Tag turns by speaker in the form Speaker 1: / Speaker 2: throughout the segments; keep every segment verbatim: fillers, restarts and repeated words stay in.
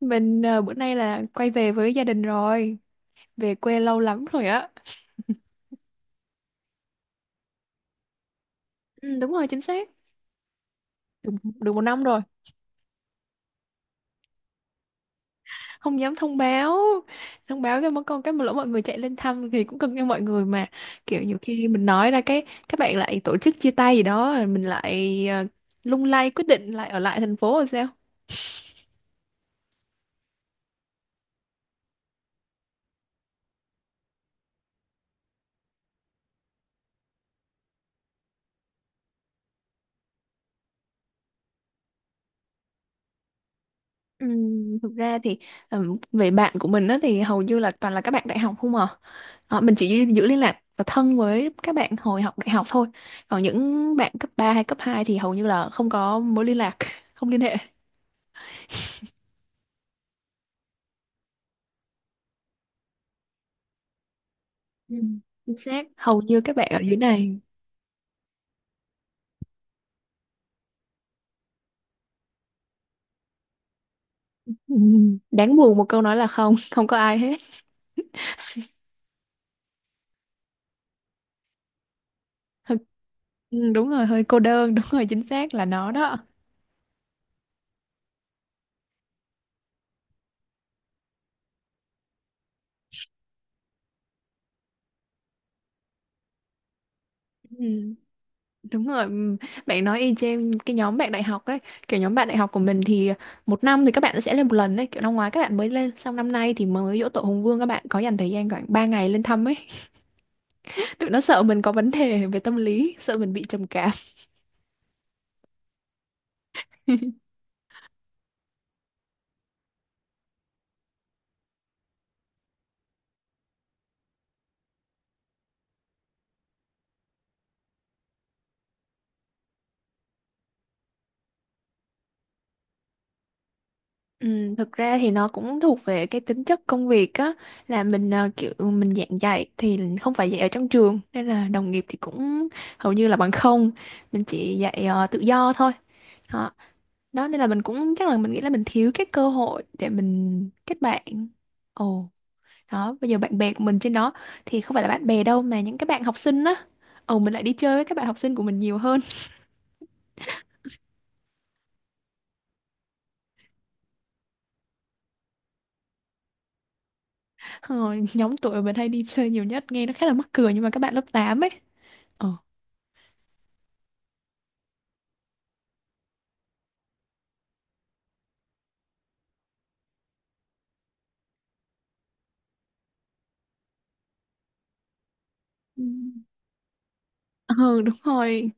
Speaker 1: Mình ờ, bữa nay là quay về với gia đình rồi, về quê lâu lắm rồi á. Ừ, đúng rồi, chính xác, được một năm rồi, không dám thông báo, thông báo cái mất con cái mà lỡ mọi người chạy lên thăm thì cũng cưng cho mọi người mà. Kiểu nhiều khi mình nói ra cái các bạn lại tổ chức chia tay gì đó, rồi mình lại ờ, lung lay quyết định lại ở lại thành phố rồi sao? Ừm, thực ra thì ừm, về bạn của mình á, thì hầu như là toàn là các bạn đại học không à. Ờ, mình chỉ giữ giữ liên lạc và thân với các bạn hồi học đại học thôi, còn những bạn cấp ba hay cấp hai thì hầu như là không có mối liên lạc, không liên hệ. Ừ, chính xác, hầu như các bạn ở dưới này. Ừm, đáng buồn một câu nói là không, không có ai hết. Ừ, đúng rồi, hơi cô đơn, đúng rồi, chính xác là nó đó. Ừ. Đúng rồi, ừm, bạn nói y chang cái nhóm bạn đại học ấy, kiểu nhóm bạn đại học của mình thì một năm thì các bạn sẽ lên một lần đấy, kiểu năm ngoái các bạn mới lên, xong năm nay thì mới giỗ tổ Hùng Vương các bạn có dành thời gian khoảng ba ngày lên thăm ấy. Tụi nó sợ mình có vấn đề về tâm lý, sợ mình bị trầm cảm. Ừ, thực ra thì nó cũng thuộc về cái tính chất công việc á, là mình ờ, kiểu mình giảng dạy thì không phải dạy ở trong trường nên là đồng nghiệp thì cũng hầu như là bằng không. Mình chỉ dạy ờ, tự do thôi đó. Đó nên là mình cũng chắc là mình nghĩ là mình thiếu cái cơ hội để mình kết bạn. Ồ, đó bây giờ bạn bè của mình trên đó thì không phải là bạn bè đâu mà những cái bạn học sinh á. Ồ, mình lại đi chơi với các bạn học sinh của mình nhiều hơn. ờ, Nhóm tuổi mình hay đi chơi nhiều nhất nghe nó khá là mắc cười nhưng mà các bạn lớp tám ấy ờ Ừ, ừ đúng rồi.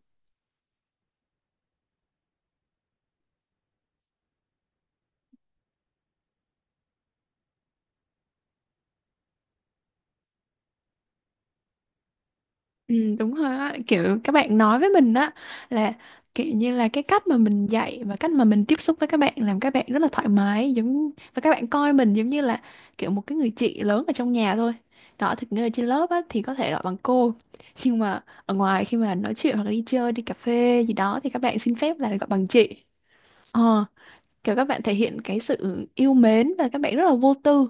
Speaker 1: Ừ, đúng rồi á, kiểu các bạn nói với mình á là kiểu như là cái cách mà mình dạy và cách mà mình tiếp xúc với các bạn làm các bạn rất là thoải mái, giống và các bạn coi mình giống như là kiểu một cái người chị lớn ở trong nhà thôi đó. Thực ra trên lớp á thì có thể gọi bằng cô, nhưng mà ở ngoài khi mà nói chuyện hoặc là đi chơi đi cà phê gì đó thì các bạn xin phép là gọi bằng chị. ờ Kiểu các bạn thể hiện cái sự yêu mến và các bạn rất là vô tư.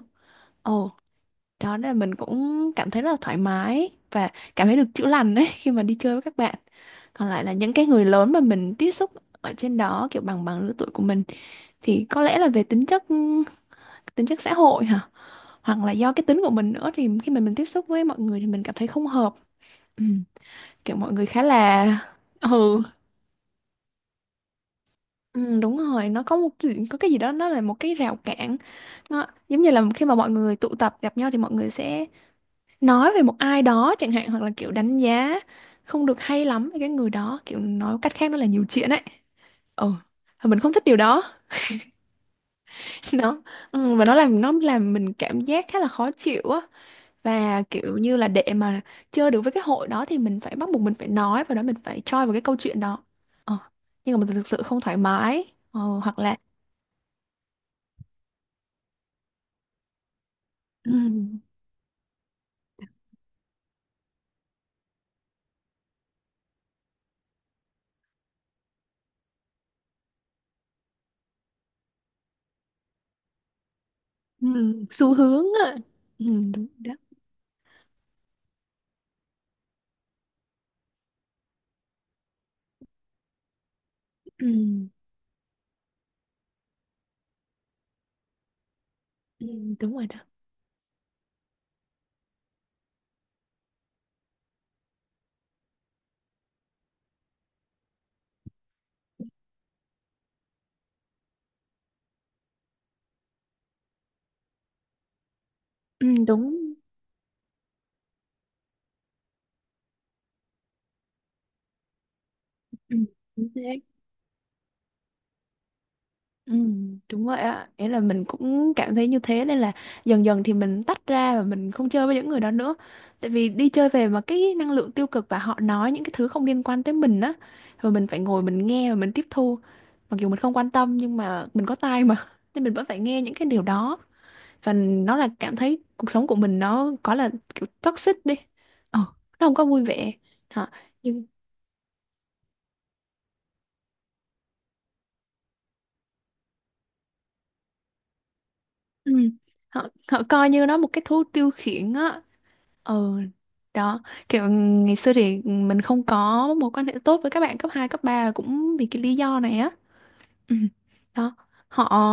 Speaker 1: Ờ Đó nên là mình cũng cảm thấy rất là thoải mái và cảm thấy được chữa lành đấy khi mà đi chơi với các bạn. Còn lại là những cái người lớn mà mình tiếp xúc ở trên đó, kiểu bằng bằng lứa tuổi của mình, thì có lẽ là về tính chất tính chất xã hội hả, hoặc là do cái tính của mình nữa, thì khi mà mình tiếp xúc với mọi người thì mình cảm thấy không hợp. Ừ. Kiểu mọi người khá là, ừ. Ừ, đúng rồi, nó có một, có cái gì đó nó là một cái rào cản, nó giống như là khi mà mọi người tụ tập gặp nhau thì mọi người sẽ nói về một ai đó chẳng hạn hoặc là kiểu đánh giá không được hay lắm với cái người đó, kiểu nói cách khác nó là nhiều chuyện ấy. Ừ. Và mình không thích điều đó, nó, ừ, và nó làm nó làm mình cảm giác khá là khó chịu á, và kiểu như là để mà chơi được với cái hội đó thì mình phải bắt buộc mình phải nói và đó mình phải choi vào cái câu chuyện đó. ờ. Nhưng mà mình thực sự không thoải mái, ờ, hoặc là. Ừ, ừ, xu hướng á. Ừ, đúng rồi đó. Ừ, ừ, đúng rồi đó. Ừ, đúng. Ừ, đúng thế. Ừ, đúng vậy ạ. Nghĩa là mình cũng cảm thấy như thế nên là dần dần thì mình tách ra và mình không chơi với những người đó nữa. Tại vì đi chơi về mà cái năng lượng tiêu cực và họ nói những cái thứ không liên quan tới mình á, rồi mình phải ngồi mình nghe và mình tiếp thu. Mặc dù mình không quan tâm nhưng mà mình có tai mà nên mình vẫn phải nghe những cái điều đó và nó là cảm thấy cuộc sống của mình nó có là kiểu toxic đi. Ờ, nó không có vui vẻ. Họ nhưng ừ, họ họ coi như nó một cái thú tiêu khiển á. Ừ, đó, kiểu ngày xưa thì mình không có mối quan hệ tốt với các bạn cấp hai cấp ba là cũng vì cái lý do này á. Ừ. Đó, họ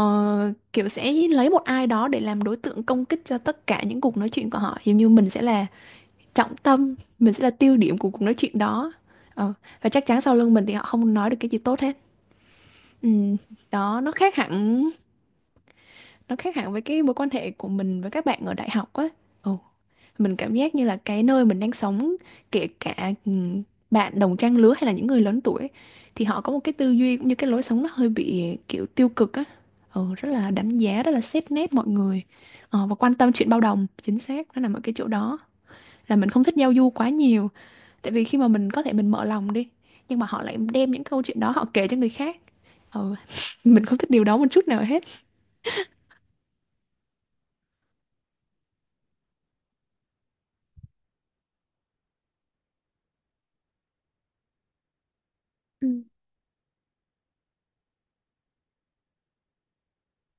Speaker 1: kiểu sẽ lấy một ai đó để làm đối tượng công kích cho tất cả những cuộc nói chuyện của họ. Giống như mình sẽ là trọng tâm, mình sẽ là tiêu điểm của cuộc nói chuyện đó. Ừ. Và chắc chắn sau lưng mình thì họ không nói được cái gì tốt hết. Ừ. Đó, nó khác hẳn, nó khác hẳn với cái mối quan hệ của mình với các bạn ở đại học á. Ừ. Mình cảm giác như là cái nơi mình đang sống, kể cả, ừm, bạn đồng trang lứa hay là những người lớn tuổi thì họ có một cái tư duy cũng như cái lối sống nó hơi bị, kiểu, tiêu cực á. Ừ, rất là đánh giá, rất là xét nét mọi người, ờ, và quan tâm chuyện bao đồng, chính xác, nó nằm ở cái chỗ đó. Là mình không thích giao du quá nhiều, tại vì khi mà mình có thể mình mở lòng đi, nhưng mà họ lại đem những câu chuyện đó họ kể cho người khác. Ừ, mình không thích điều đó một chút nào hết. Ừ.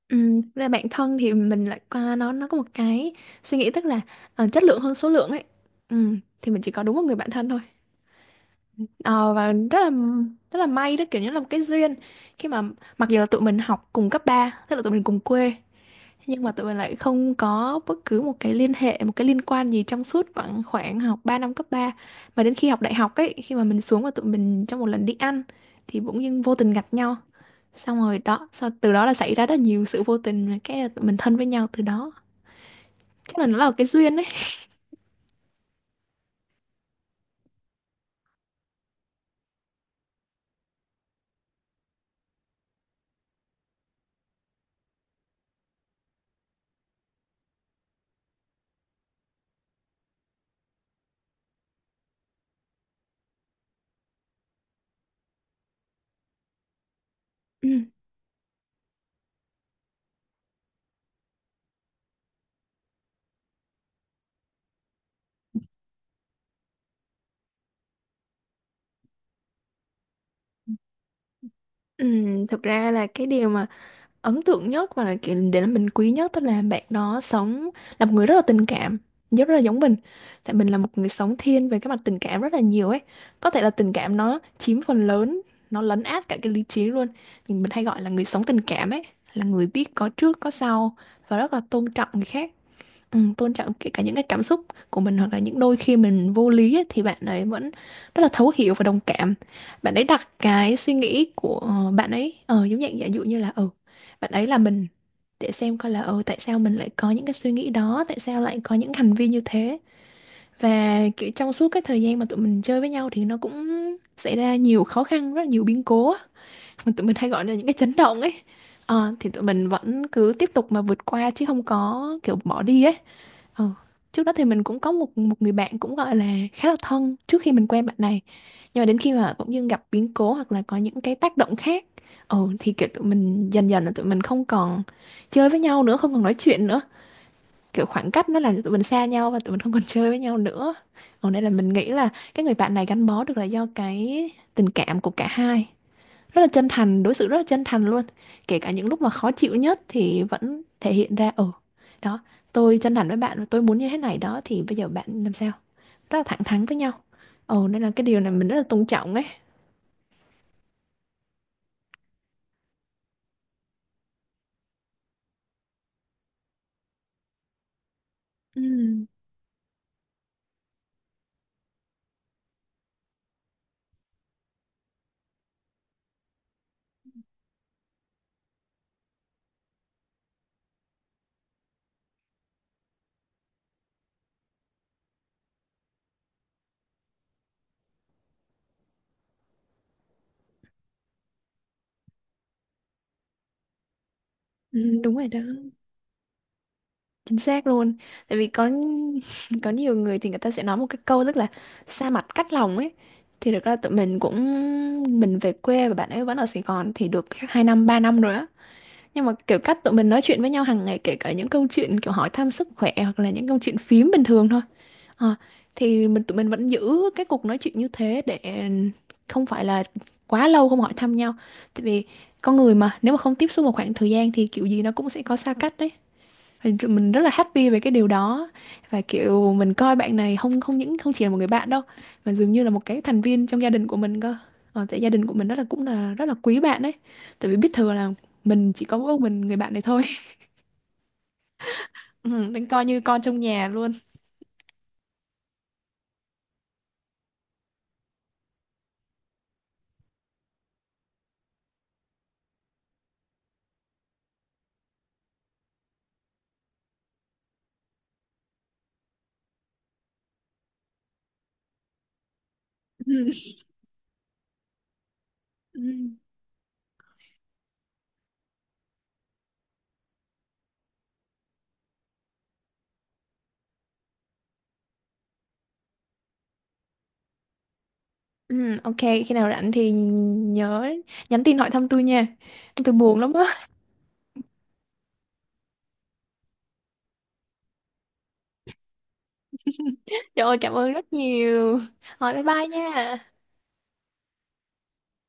Speaker 1: Ừm, thực ra bản thân thì mình lại qua nó nó có một cái suy nghĩ, tức là ờ, chất lượng hơn số lượng ấy. Ừm, thì mình chỉ có đúng một người bạn thân thôi. Ờ, và rất là rất là may đó, kiểu như là một cái duyên khi mà, mặc dù là tụi mình học cùng cấp ba, tức là tụi mình cùng quê, nhưng mà tụi mình lại không có bất cứ một cái liên hệ, một cái liên quan gì trong suốt khoảng khoảng học ba năm cấp ba, mà đến khi học đại học ấy khi mà mình xuống và tụi mình trong một lần đi ăn thì bỗng dưng vô tình gặp nhau, xong rồi đó sau từ đó là xảy ra rất nhiều sự vô tình và cái là tụi mình thân với nhau từ đó. Chắc là nó là một cái duyên đấy. Ừ. Ừ, thực ra là cái điều mà ấn tượng nhất và là kiểu để là mình quý nhất, tức là bạn đó sống là một người rất là tình cảm, rất là giống mình. Tại mình là một người sống thiên về cái mặt tình cảm rất là nhiều ấy, có thể là tình cảm nó chiếm phần lớn, nó lấn át cả cái lý trí luôn, nhưng mình hay gọi là người sống tình cảm ấy là người biết có trước có sau và rất là tôn trọng người khác. Ừ, tôn trọng kể cả những cái cảm xúc của mình hoặc là những đôi khi mình vô lý ấy, thì bạn ấy vẫn rất là thấu hiểu và đồng cảm. Bạn ấy đặt cái suy nghĩ của ờ, bạn ấy ờ, giống dạng, giả dụ như là ừ bạn ấy là mình, để xem coi là ừ tại sao mình lại có những cái suy nghĩ đó, tại sao lại có những hành vi như thế. Và kiểu trong suốt cái thời gian mà tụi mình chơi với nhau thì nó cũng xảy ra nhiều khó khăn, rất là nhiều biến cố á, mà tụi mình hay gọi là những cái chấn động ấy. Ờ, thì tụi mình vẫn cứ tiếp tục mà vượt qua chứ không có kiểu bỏ đi ấy. Ờ, trước đó thì mình cũng có một một người bạn cũng gọi là khá là thân trước khi mình quen bạn này. Nhưng mà đến khi mà cũng như gặp biến cố hoặc là có những cái tác động khác, ờ thì kiểu tụi mình dần dần là tụi mình không còn chơi với nhau nữa, không còn nói chuyện nữa. Kiểu khoảng cách nó làm cho tụi mình xa nhau và tụi mình không còn chơi với nhau nữa. Còn đây là mình nghĩ là cái người bạn này gắn bó được là do cái tình cảm của cả hai rất là chân thành, đối xử rất là chân thành luôn, kể cả những lúc mà khó chịu nhất thì vẫn thể hiện ra, ừ, đó, tôi chân thành với bạn và tôi muốn như thế này đó, thì bây giờ bạn làm sao, rất là thẳng thắn với nhau. Ừ, nên là cái điều này mình rất là tôn trọng ấy. Ừ, ừ đúng rồi đó. Chính xác luôn, tại vì có có nhiều người thì người ta sẽ nói một cái câu rất là xa mặt cách lòng ấy. Thì thực ra tụi mình cũng, mình về quê và bạn ấy vẫn ở Sài Gòn thì được hai năm ba năm rồi á, nhưng mà kiểu cách tụi mình nói chuyện với nhau hàng ngày kể cả những câu chuyện kiểu hỏi thăm sức khỏe hoặc là những câu chuyện phím bình thường thôi. Ờ, thì mình tụi mình vẫn giữ cái cuộc nói chuyện như thế để không phải là quá lâu không hỏi thăm nhau, tại vì con người mà nếu mà không tiếp xúc một khoảng thời gian thì kiểu gì nó cũng sẽ có xa cách đấy. Và tụi mình rất là happy về cái điều đó, và kiểu mình coi bạn này không không những không chỉ là một người bạn đâu mà dường như là một cái thành viên trong gia đình của mình cơ. Ờ, tại gia đình của mình rất là, cũng là rất là quý bạn ấy, tại vì biết thừa là mình chỉ có mỗi mình người bạn này thôi. Ừ, nên coi như con trong nhà luôn. Ừ, ừ, ừ, ok, khi nào rảnh thì nhớ nhắn tin hỏi thăm tôi nha, tôi buồn lắm á. Trời ơi, cảm ơn rất nhiều. Rồi bye bye nha.